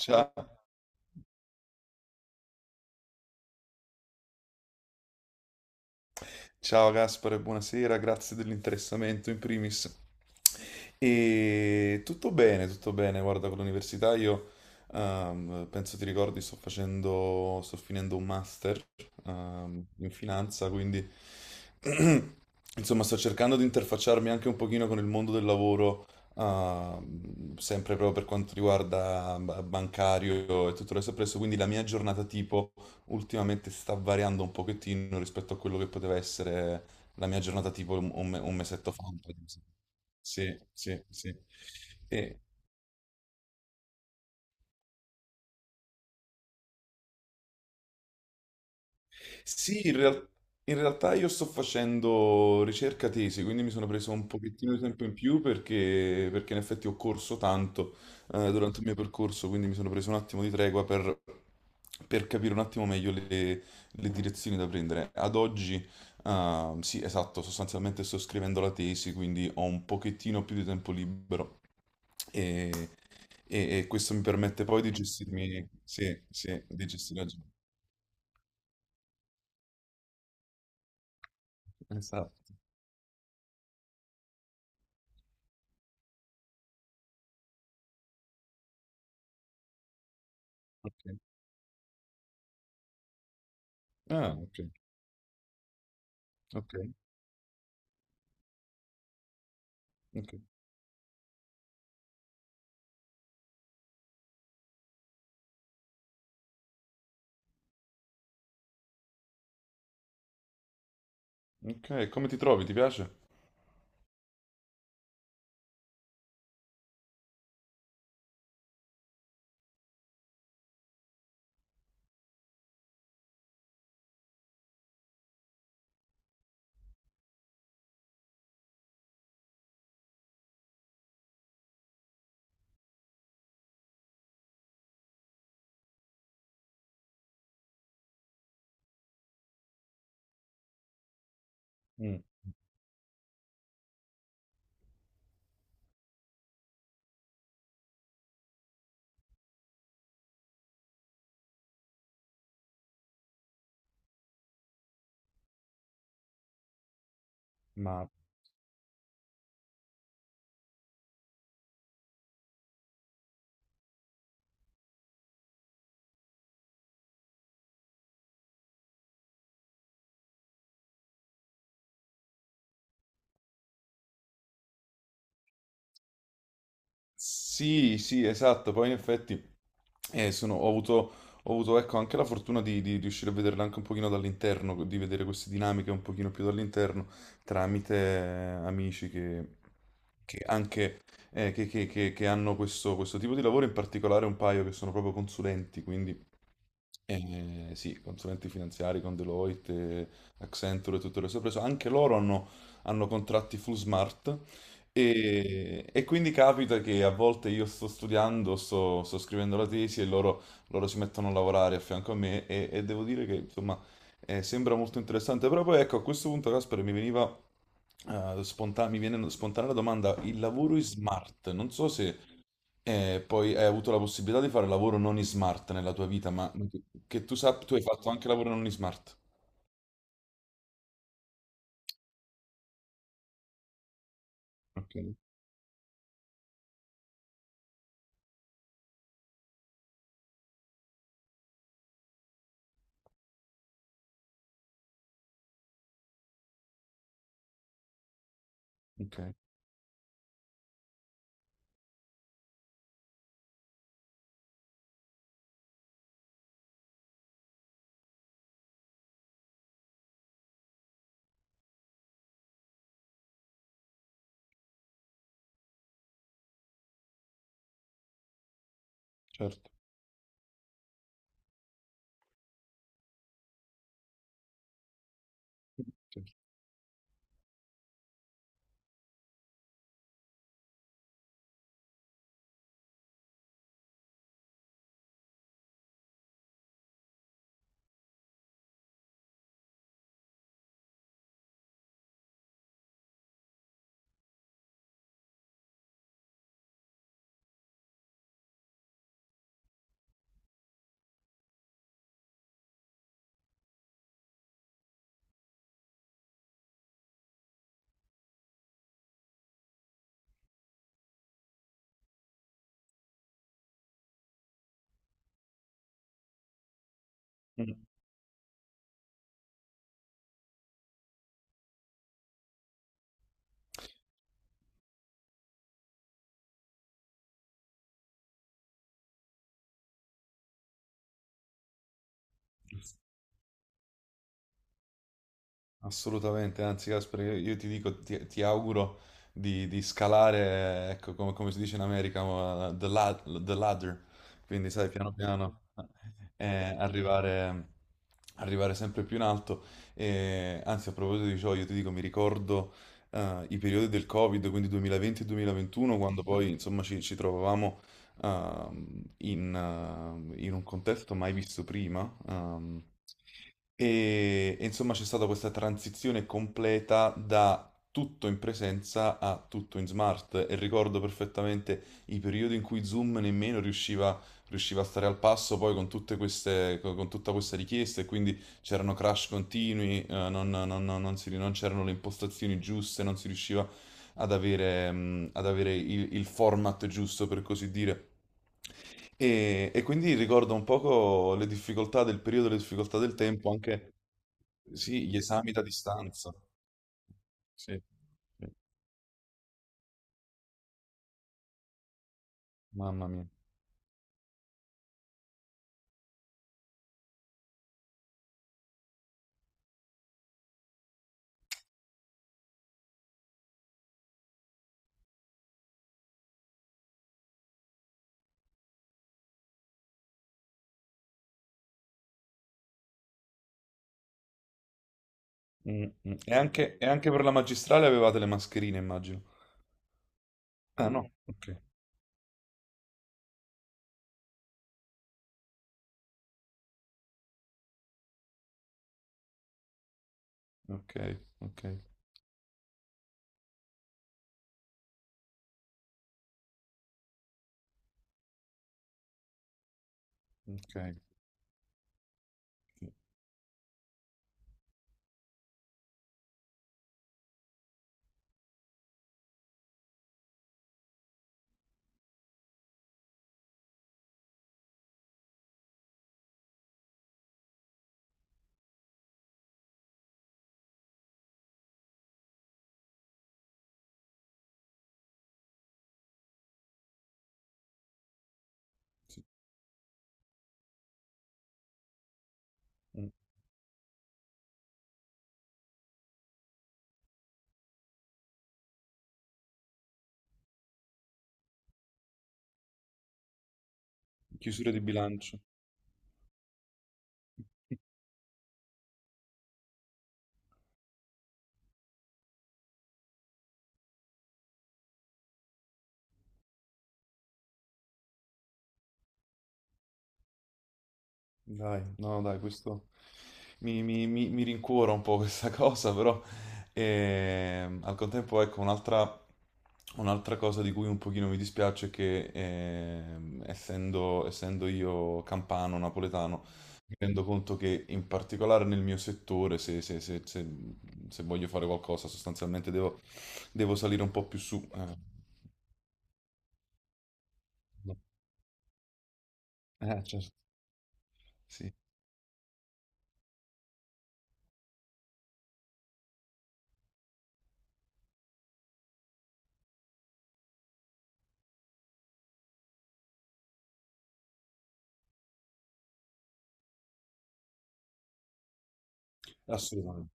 Ciao, ciao Gaspare, buonasera, grazie dell'interessamento in primis. E tutto bene, guarda, con l'università io penso ti ricordi, sto finendo un master in finanza, quindi insomma sto cercando di interfacciarmi anche un pochino con il mondo del lavoro, sempre proprio per quanto riguarda bancario e tutto il resto presso, quindi la mia giornata tipo ultimamente sta variando un pochettino rispetto a quello che poteva essere la mia giornata tipo un mesetto fa. Un po' di mese- Sì, sì, sì. E, Sì, in real- in realtà io sto facendo ricerca tesi, quindi mi sono preso un pochettino di tempo in più perché in effetti ho corso tanto durante il mio percorso, quindi mi sono preso un attimo di tregua per capire un attimo meglio le direzioni da prendere. Ad oggi, sì, esatto, sostanzialmente sto scrivendo la tesi, quindi ho un pochettino più di tempo libero e, e questo mi permette poi di gestirmi, sì, sì, di gestire la giornata. Esatto. Ok. Ah, ok, ok, ok. Ok, come ti trovi? Ti piace? Mm, ma sì, sì, esatto. Poi in effetti ho avuto, ecco, anche la fortuna di riuscire a vederla anche un pochino dall'interno, di vedere queste dinamiche un pochino più dall'interno, tramite amici che anche che hanno questo, questo tipo di lavoro, in particolare un paio che sono proprio consulenti, quindi sì, consulenti finanziari con Deloitte, Accenture e tutte le sue preso. Anche loro hanno, hanno contratti full smart e quindi capita che a volte io sto studiando, sto scrivendo la tesi loro si mettono a lavorare a fianco a me e devo dire che insomma sembra molto interessante, però poi ecco a questo punto Casper mi veniva mi viene spontanea la domanda, il lavoro in smart, non so se poi hai avuto la possibilità di fare lavoro non in smart nella tua vita, ma che tu sappia, tu hai fatto anche lavoro non in smart. Ok, ok, certo. Mm. Assolutamente, anzi Casper, io ti dico, ti auguro di scalare, ecco, come si dice in America, the ladder, quindi sai, piano piano, eh, arrivare, arrivare sempre più in alto. E, anzi, a proposito di ciò, io ti dico, mi ricordo i periodi del Covid, quindi 2020 e 2021, quando poi, insomma, ci trovavamo ehm, in, in un contesto mai visto prima. E insomma c'è stata questa transizione completa da tutto in presenza a tutto in smart e ricordo perfettamente i periodi in cui Zoom nemmeno riusciva, riusciva a stare al passo poi con tutte queste, tutta questa richiesta e quindi c'erano crash continui, non c'erano le impostazioni giuste, non si riusciva ad avere, il format giusto, per così dire. E quindi ricordo un poco le difficoltà del periodo, le difficoltà del tempo, anche sì, gli esami da distanza. Sì, sì, mamma mia. Mm, mm. E anche per la magistrale avevate le mascherine, immagino. Ah no, ok, ok, ok, ok. Chiusura di bilancio. Dai, no, no, dai, questo mi rincuora un po' questa cosa, però al contempo, ecco, un'altra cosa di cui un pochino mi dispiace è che essendo io campano, napoletano, mi rendo conto che in particolare nel mio settore, se voglio fare qualcosa, sostanzialmente devo, devo salire un po' più su. Eh, certo, sì, assolutamente.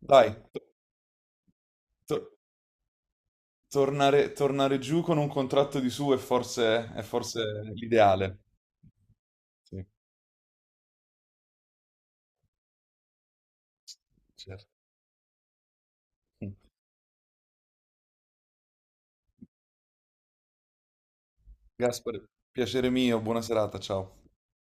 Dai, to- to- Tornare, tornare giù con un contratto di su è forse l'ideale. Sì, certo. Gaspare, piacere mio, buona serata, ciao.